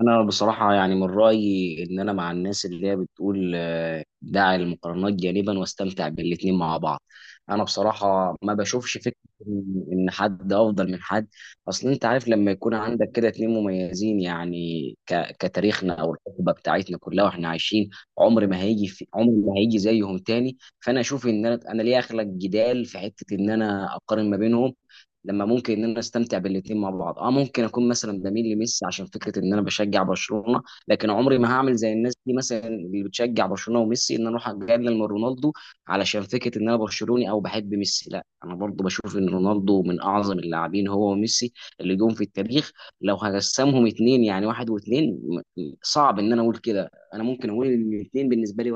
انا بصراحه، يعني من رايي ان انا مع الناس اللي هي بتقول، دع المقارنات جانبا واستمتع بالاتنين مع بعض. انا بصراحه ما بشوفش فكره إن حد افضل من حد. اصل انت عارف لما يكون عندك كده اتنين مميزين، يعني كتاريخنا او الحقبه بتاعتنا كلها واحنا عايشين. عمر ما هيجي زيهم تاني. فانا اشوف، ان أنا ليه اخلق جدال في حته ان انا اقارن ما بينهم؟ لما ممكن ان انا استمتع بالاثنين مع بعض. اه ممكن اكون مثلا بميل لميسي عشان فكره ان انا بشجع برشلونه. لكن عمري ما هعمل زي الناس دي مثلا اللي بتشجع برشلونه وميسي، ان انا اروح اقلل من رونالدو علشان فكره ان انا برشلوني او بحب ميسي. لا، انا برضو بشوف ان رونالدو من اعظم اللاعبين هو وميسي اللي جم في التاريخ. لو هقسمهم اتنين، يعني واحد واتنين، صعب ان انا اقول كده. انا ممكن اقول ان الاتنين بالنسبه لي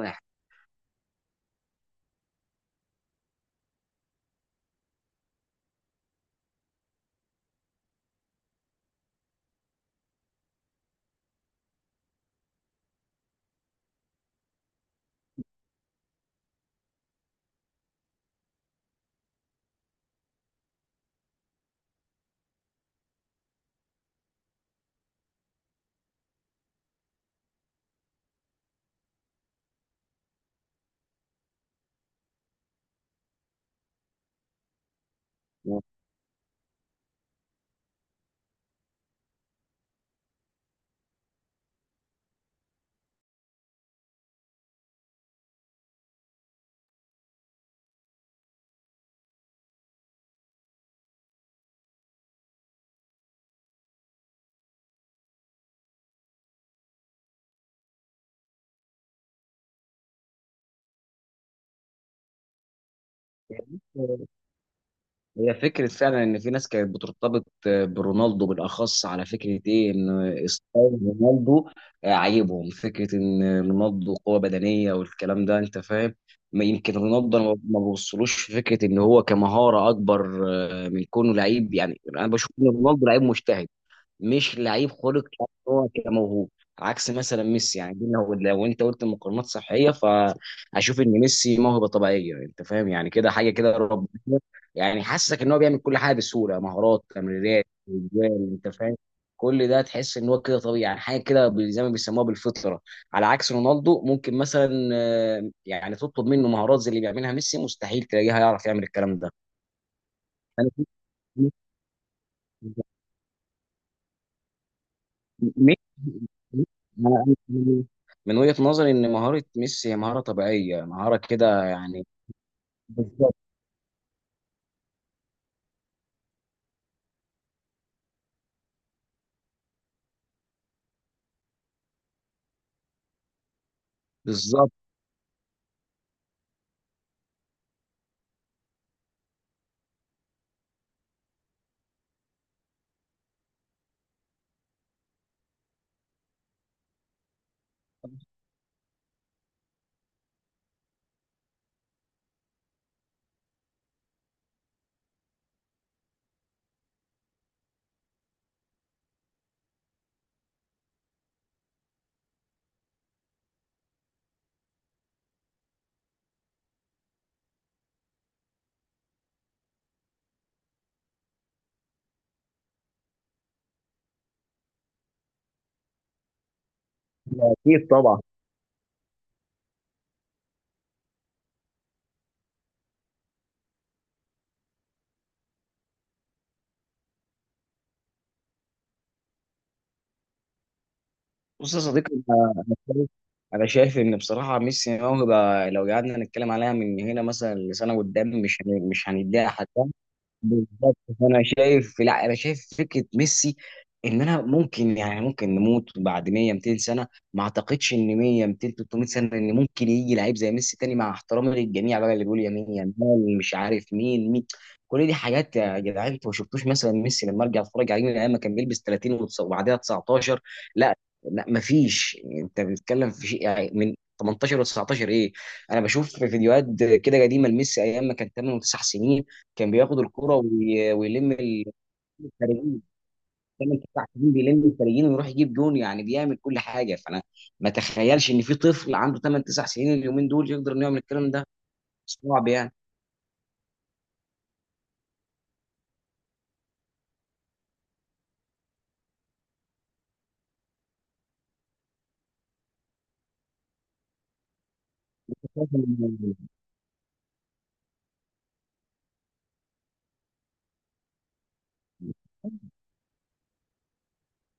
واحد. هي فكرة فعلا إن في ناس كانت بترتبط برونالدو، بالأخص على فكرة إيه، إن ستايل رونالدو عاجبهم، فكرة إن رونالدو قوة بدنية والكلام ده أنت فاهم. ما يمكن رونالدو أنا ما بوصلوش فكرة إن هو كمهارة أكبر، من كونه لعيب. يعني أنا بشوف إن رونالدو لعيب مجتهد، مش لعيب خلق إن هو كموهوب. عكس مثلا ميسي، يعني دي لو انت قلت مقارنات صحيه، فاشوف ان ميسي موهبه طبيعيه انت فاهم، يعني كده حاجه كده ربنا يعني حاسسك ان هو بيعمل كل حاجه بسهوله: مهارات، تمريرات، اجوال انت فاهم. كل ده تحس ان هو كده طبيعي، يعني حاجه كده زي ما بيسموها بالفطره. على عكس رونالدو، ممكن مثلا يعني تطلب منه مهارات زي اللي بيعملها ميسي، مستحيل تلاقيها يعرف يعمل الكلام ده. أنا ميسي. أنا- أنا- من وجهة نظري، ان مهارة ميسي هي مهارة طبيعية، مهارة كده يعني. بالظبط. بالظبط. اكيد. طبعا. بص يا صديقي، انا أنا شايف أنا شايف ان بصراحة ميسي موهبة. لو قعدنا نتكلم عليها من هنا مثلا لسنة قدام، مش هنديها حد. بالظبط. فانا شايف، لا، انا شايف فكره ميسي، ان انا ممكن نموت بعد 100 200 سنه. ما اعتقدش ان 100 200 300 سنه ان ممكن يجي لعيب زي ميسي تاني، مع احترامي للجميع بقى اللي بيقول يمين يمين مش عارف مين مين. كل دي حاجات يا جدعان، انتوا ما شفتوش مثلا ميسي لما ارجع اتفرج عليه من ايام ما كان بيلبس 30 وبعدها 19. لا، لا، ما فيش. انت بتتكلم في شيء يعني من 18 و19 ايه؟ انا بشوف في فيديوهات كده قديمه لميسي، ايام ما كان 8 و9 سنين، كان بياخد الكرة ويلم الخارجين. كان الدفاع الحكيمي بيلم الخارجين ويروح يجيب جون، يعني بيعمل كل حاجه. فانا ما اتخيلش ان في طفل عنده 8 9 سنين اليومين دول يقدر انه يعمل الكلام ده. صعب يعني.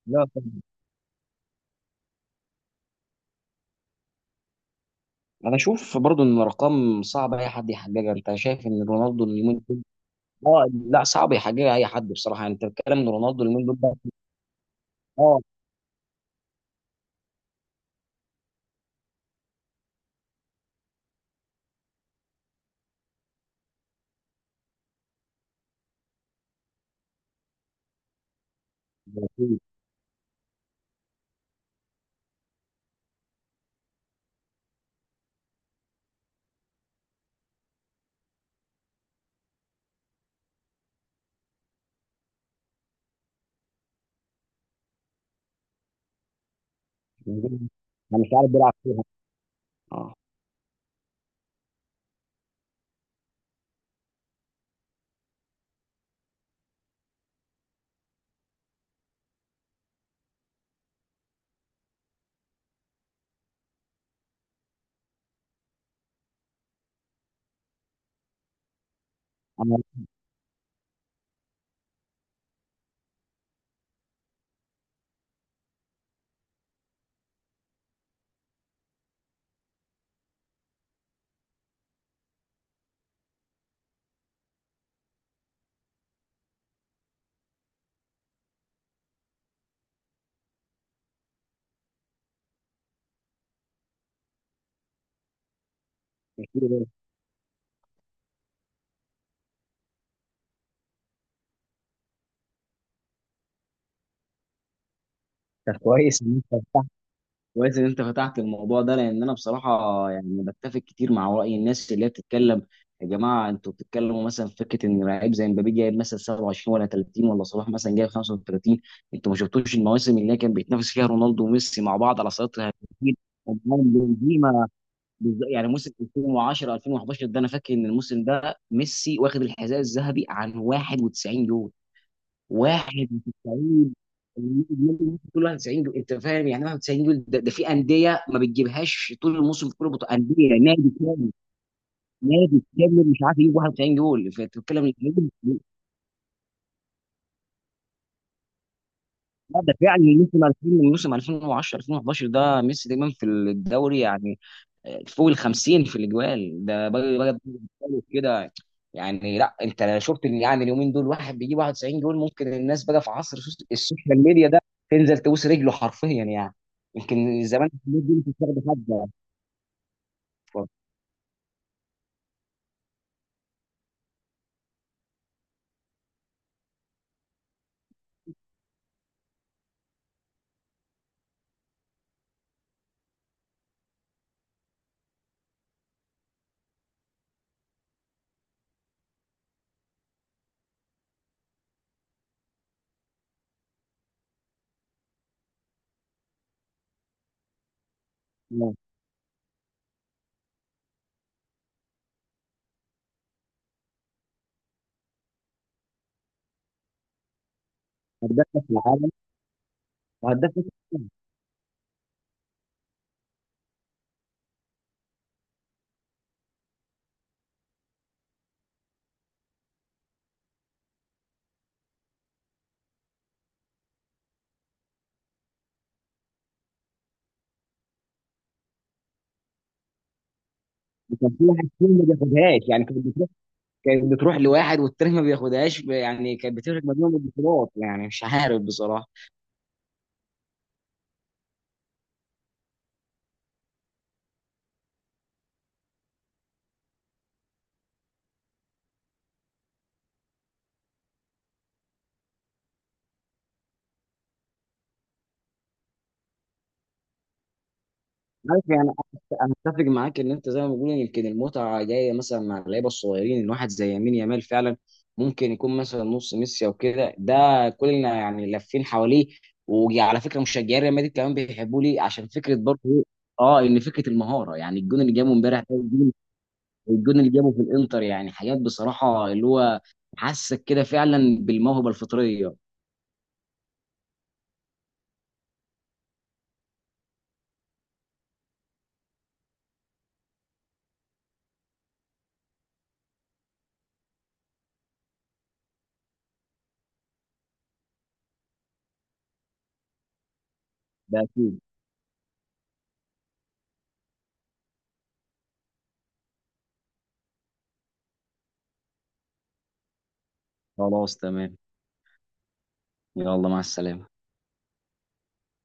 لا، انا اشوف برضو ان الارقام صعب اي حد يحققها. انت شايف ان رونالدو اليومين دول اه لا، صعب يحققها اي حد بصراحه. انت بتتكلم ان رونالدو اليومين دول ده اه مفيش. انا مش عارف بيلعب فيها. اه، انا مش كده. طب كويس ان انت كويس ان انت فتحت الموضوع ده، لان انا بصراحه يعني بتفق كتير مع راي الناس اللي هي بتتكلم. يا جماعه، انتوا بتتكلموا مثلا في فكره ان لعيب زي مبابي جايب مثلا 27 ولا 30 ولا صلاح مثلا جايب 35. انتوا ما شفتوش المواسم اللي هي كان بيتنافس فيها رونالدو وميسي مع بعض على سيطره الهجوم ومعاهم بنزيما. يعني موسم 2010 2011، ده انا فاكر ان الموسم ده ميسي واخد الحذاء الذهبي عن 91 يورو. 91 91 جول انت فاهم، يعني 91 جول ده, ده في انديه ما بتجيبهاش طول الموسم، في كل بطوله انديه نادي كامل. نادي كامل مش عارف يجيب 91 جول، فانت بتتكلم إن لا، ده فعلا من موسم 2010 2011 ده ميسي دايما في الدوري، يعني فوق ال 50 في الاجوال ده بقى كده يعني. لا، انت لو شفت إن يعني اليومين دول واحد بيجيب 91 جول، ممكن الناس بقى في عصر السوشيال ميديا ده تنزل تبوس رجله حرفيا يعني. يمكن زمان الحاجات دي مش بتاخد حد يعني. هداف في العالم وهداف كان في واحد فيهم ما بياخدهاش، يعني كانت بتروح لواحد والتاني ما بياخدهاش، يعني كانت بتفرق ما بينهم البطولات يعني مش عارف بصراحه. عارف يعني، انا اتفق معاك ان انت زي ما بقول يمكن المتعه جايه مثلا مع اللعيبه الصغيرين، ان واحد زي يمين يامال فعلا ممكن يكون مثلا نص ميسي او كده، ده كلنا يعني لافين حواليه. وعلى فكره مشجعين ريال مدريد كمان بيحبوه ليه؟ عشان فكره برضه إيه؟ اه، ان فكره المهاره، يعني الجون اللي جابه امبارح ده، والجون اللي جابه في الانتر، يعني حاجات بصراحه اللي هو حاسك كده فعلا بالموهبه الفطريه. ده اكيد. خلاص. تمام. يلا، مع السلامه.